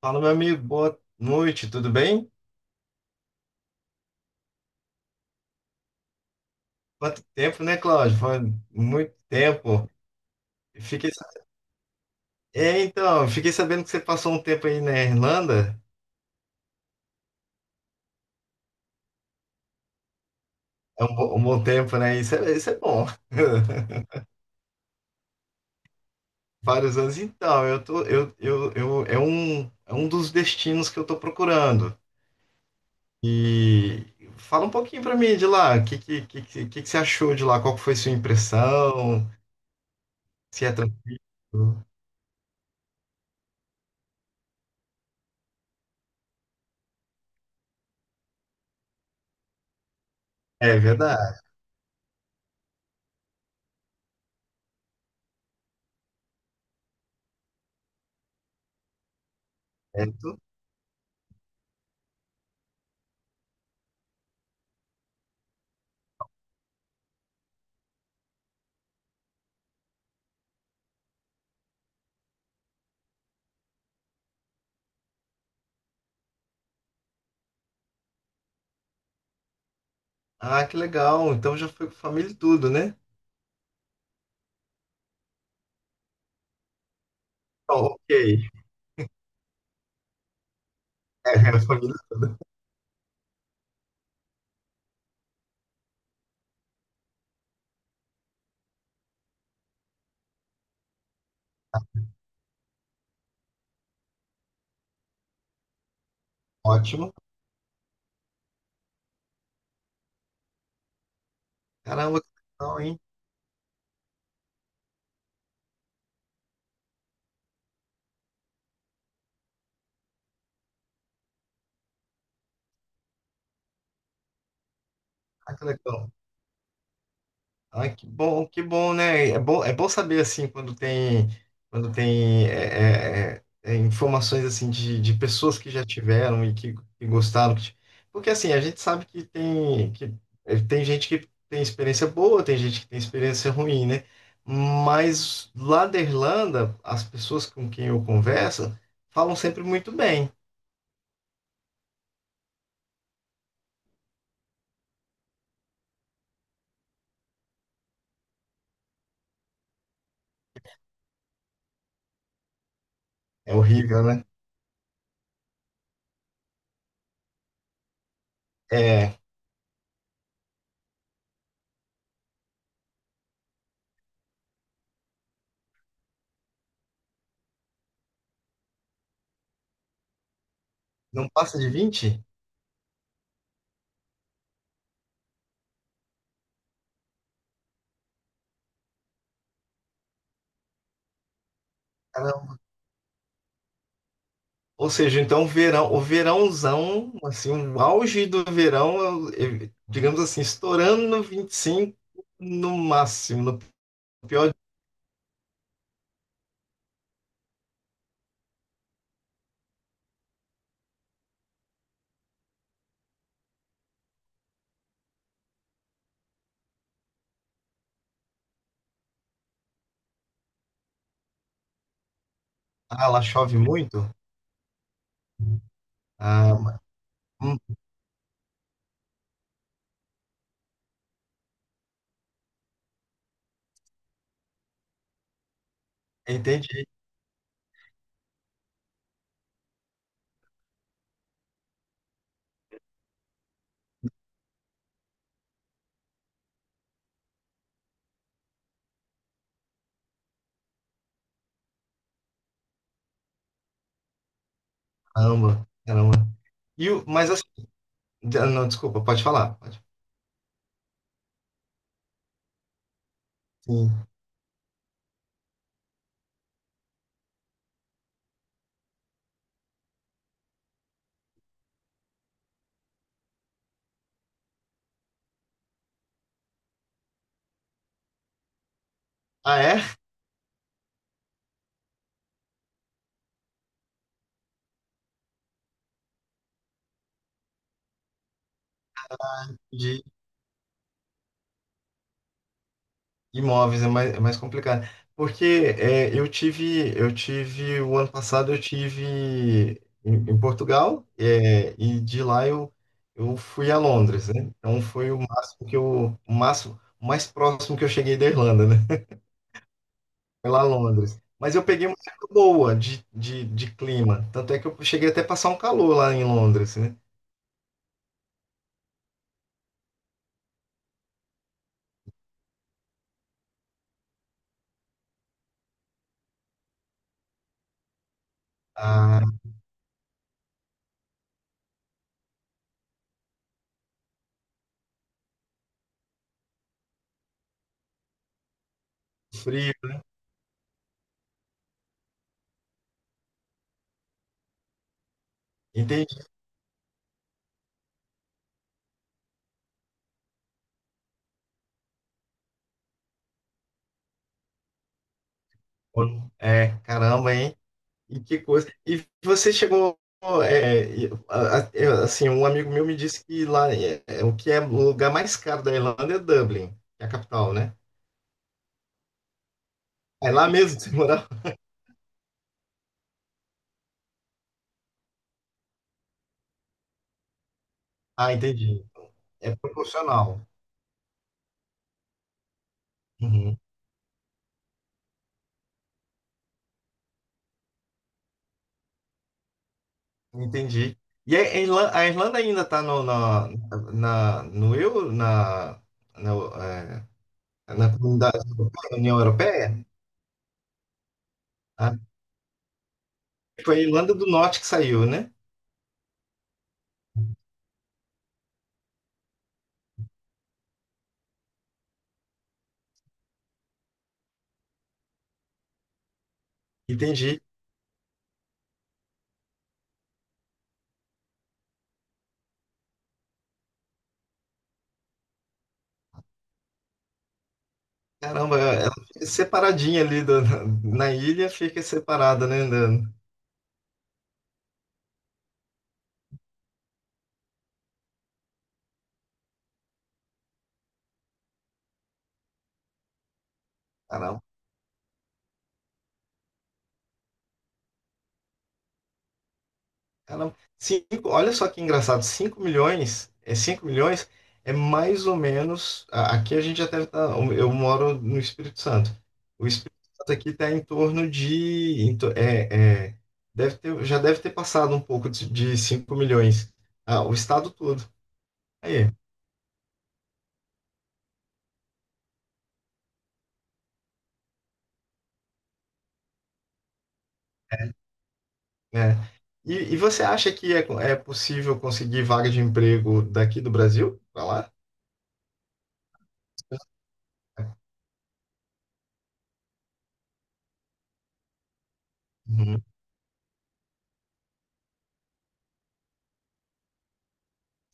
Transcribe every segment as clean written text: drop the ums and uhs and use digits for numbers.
Fala, meu amigo, boa noite, tudo bem? Quanto tempo, né, Cláudio? Foi muito tempo. Fiquei... sa- É, então, fiquei sabendo que você passou um tempo aí na Irlanda. Um bom tempo, né? Isso é bom. Vários anos. Então, eu tô, eu, é um dos destinos que eu tô procurando. E fala um pouquinho pra mim de lá. O que que você achou de lá? Qual que foi sua impressão? Se é tranquilo? É verdade. Ah, que legal. Então já foi com família e tudo, né? Então, ok. É, família e tudo. Ótimo. Caramba, que legal, hein? Ah, que legal. Ai, que bom, né? É bom saber assim quando tem informações assim de pessoas que já tiveram e que gostaram. Porque assim, a gente sabe que tem que tem gente que tem experiência boa, tem gente que tem experiência ruim, né? Mas lá da Irlanda, as pessoas com quem eu converso falam sempre muito bem. É horrível, né? É, não passa de vinte. Ou seja, então o verão, o verãozão, assim, o auge do verão, digamos assim, estourando no 25 no máximo, no pior dia. Ah, lá chove muito? Ah, ma- hum, entendi. Caramba, caramba. E o, mas assim, ah, não, desculpa, pode falar. Pode. Sim. Ah, é? Imóveis é mais complicado. Porque é, o ano passado eu tive em, em Portugal, é, e de lá eu fui a Londres, né? Então foi o máximo que eu, o máximo, o mais próximo que eu cheguei da Irlanda, né? Foi lá a Londres. Mas eu peguei uma época boa de clima. Tanto é que eu cheguei até a passar um calor lá em Londres, né? Ah, frio, né? Entendi. É, caramba, hein? E que coisa. E você chegou. Eu, assim, um amigo meu me disse que lá é, é o que é o lugar mais caro da Irlanda é Dublin, que é a capital, né? É lá mesmo que você morava? Ah, entendi. É proporcional. Uhum. Entendi. E a Irlanda ainda está no euro, na, é, na comunidade europeia, União Europeia? Ah, foi a Irlanda do Norte que saiu, né? Entendi. Caramba, ela fica separadinha na, na ilha, fica separada, né? Caramba, caramba. Cinco, olha só que engraçado, cinco milhões, é mais ou menos. Aqui a gente já deve estar. Eu moro no Espírito Santo. O Espírito Santo aqui está em torno de. Deve ter, já deve ter passado um pouco de 5 milhões. Ah, o estado todo. Aí, né? E você acha que é, é possível conseguir vaga de emprego daqui do Brasil? Pra lá? Uhum.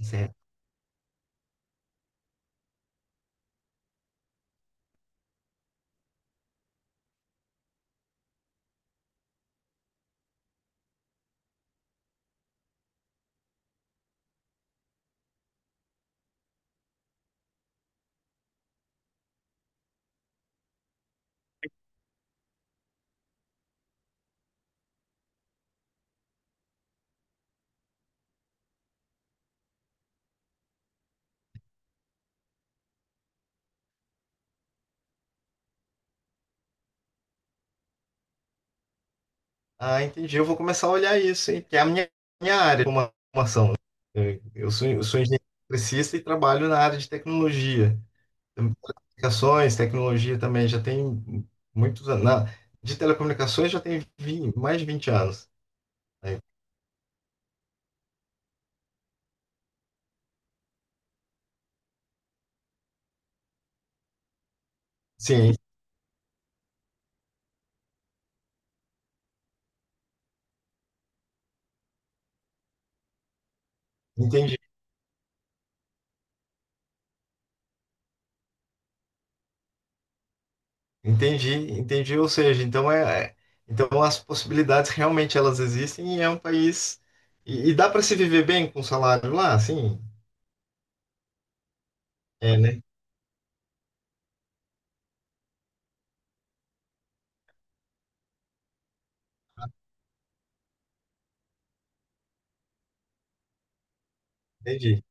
Certo. Ah, entendi. Eu vou começar a olhar isso, hein? Que é minha área de formação. Eu sou engenheiro eletricista e trabalho na área de tecnologia. Então, telecomunicações, tecnologia também, já tem muitos anos. Na, de telecomunicações mais de 20 anos. Né? Sim, entendi, entendi, entendi. Ou seja, então é, é- então as possibilidades realmente elas existem e é um país. E dá para se viver bem com o salário lá? Sim, é, né? Entendi.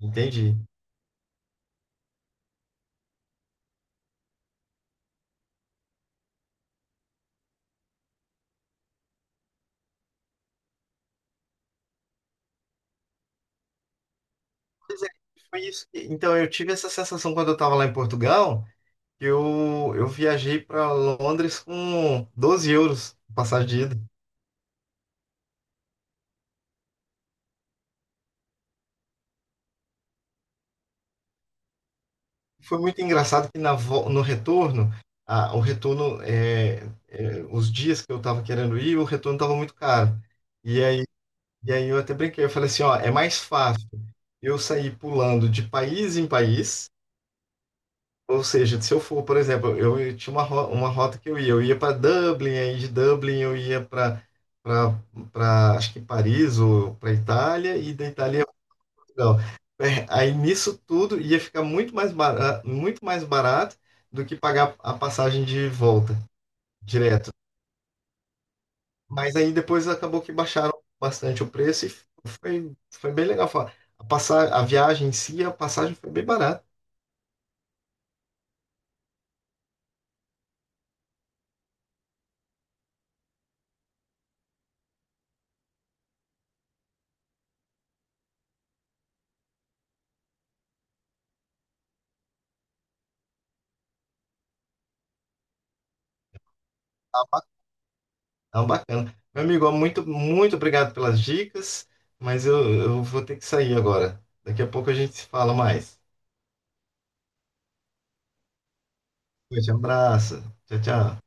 Entendi. Pois é, foi isso. Então, eu tive essa sensação quando eu estava lá em Portugal, que eu viajei para Londres com 12 euros passagem de ida. Foi muito engraçado que no retorno, a, o retorno, os dias que eu estava querendo ir, o retorno estava muito caro. E aí, e aí eu até brinquei, eu falei assim, ó, é mais fácil eu sair pulando de país em país. Ou seja, se eu for, por exemplo, eu tinha uma, uma rota que eu ia para Dublin, aí de Dublin eu ia para acho que Paris ou para Itália e da Itália ia pra Portugal. É, aí nisso tudo ia ficar muito mais barato do que pagar a passagem de volta direto. Mas aí depois acabou que baixaram bastante o preço e foi, foi bem legal. A passar, a viagem em si, a passagem foi bem barata. Então, bacana. Meu amigo, ó, muito obrigado pelas dicas, mas eu vou ter que sair agora. Daqui a pouco a gente se fala mais. Um abraço. Tchau, tchau.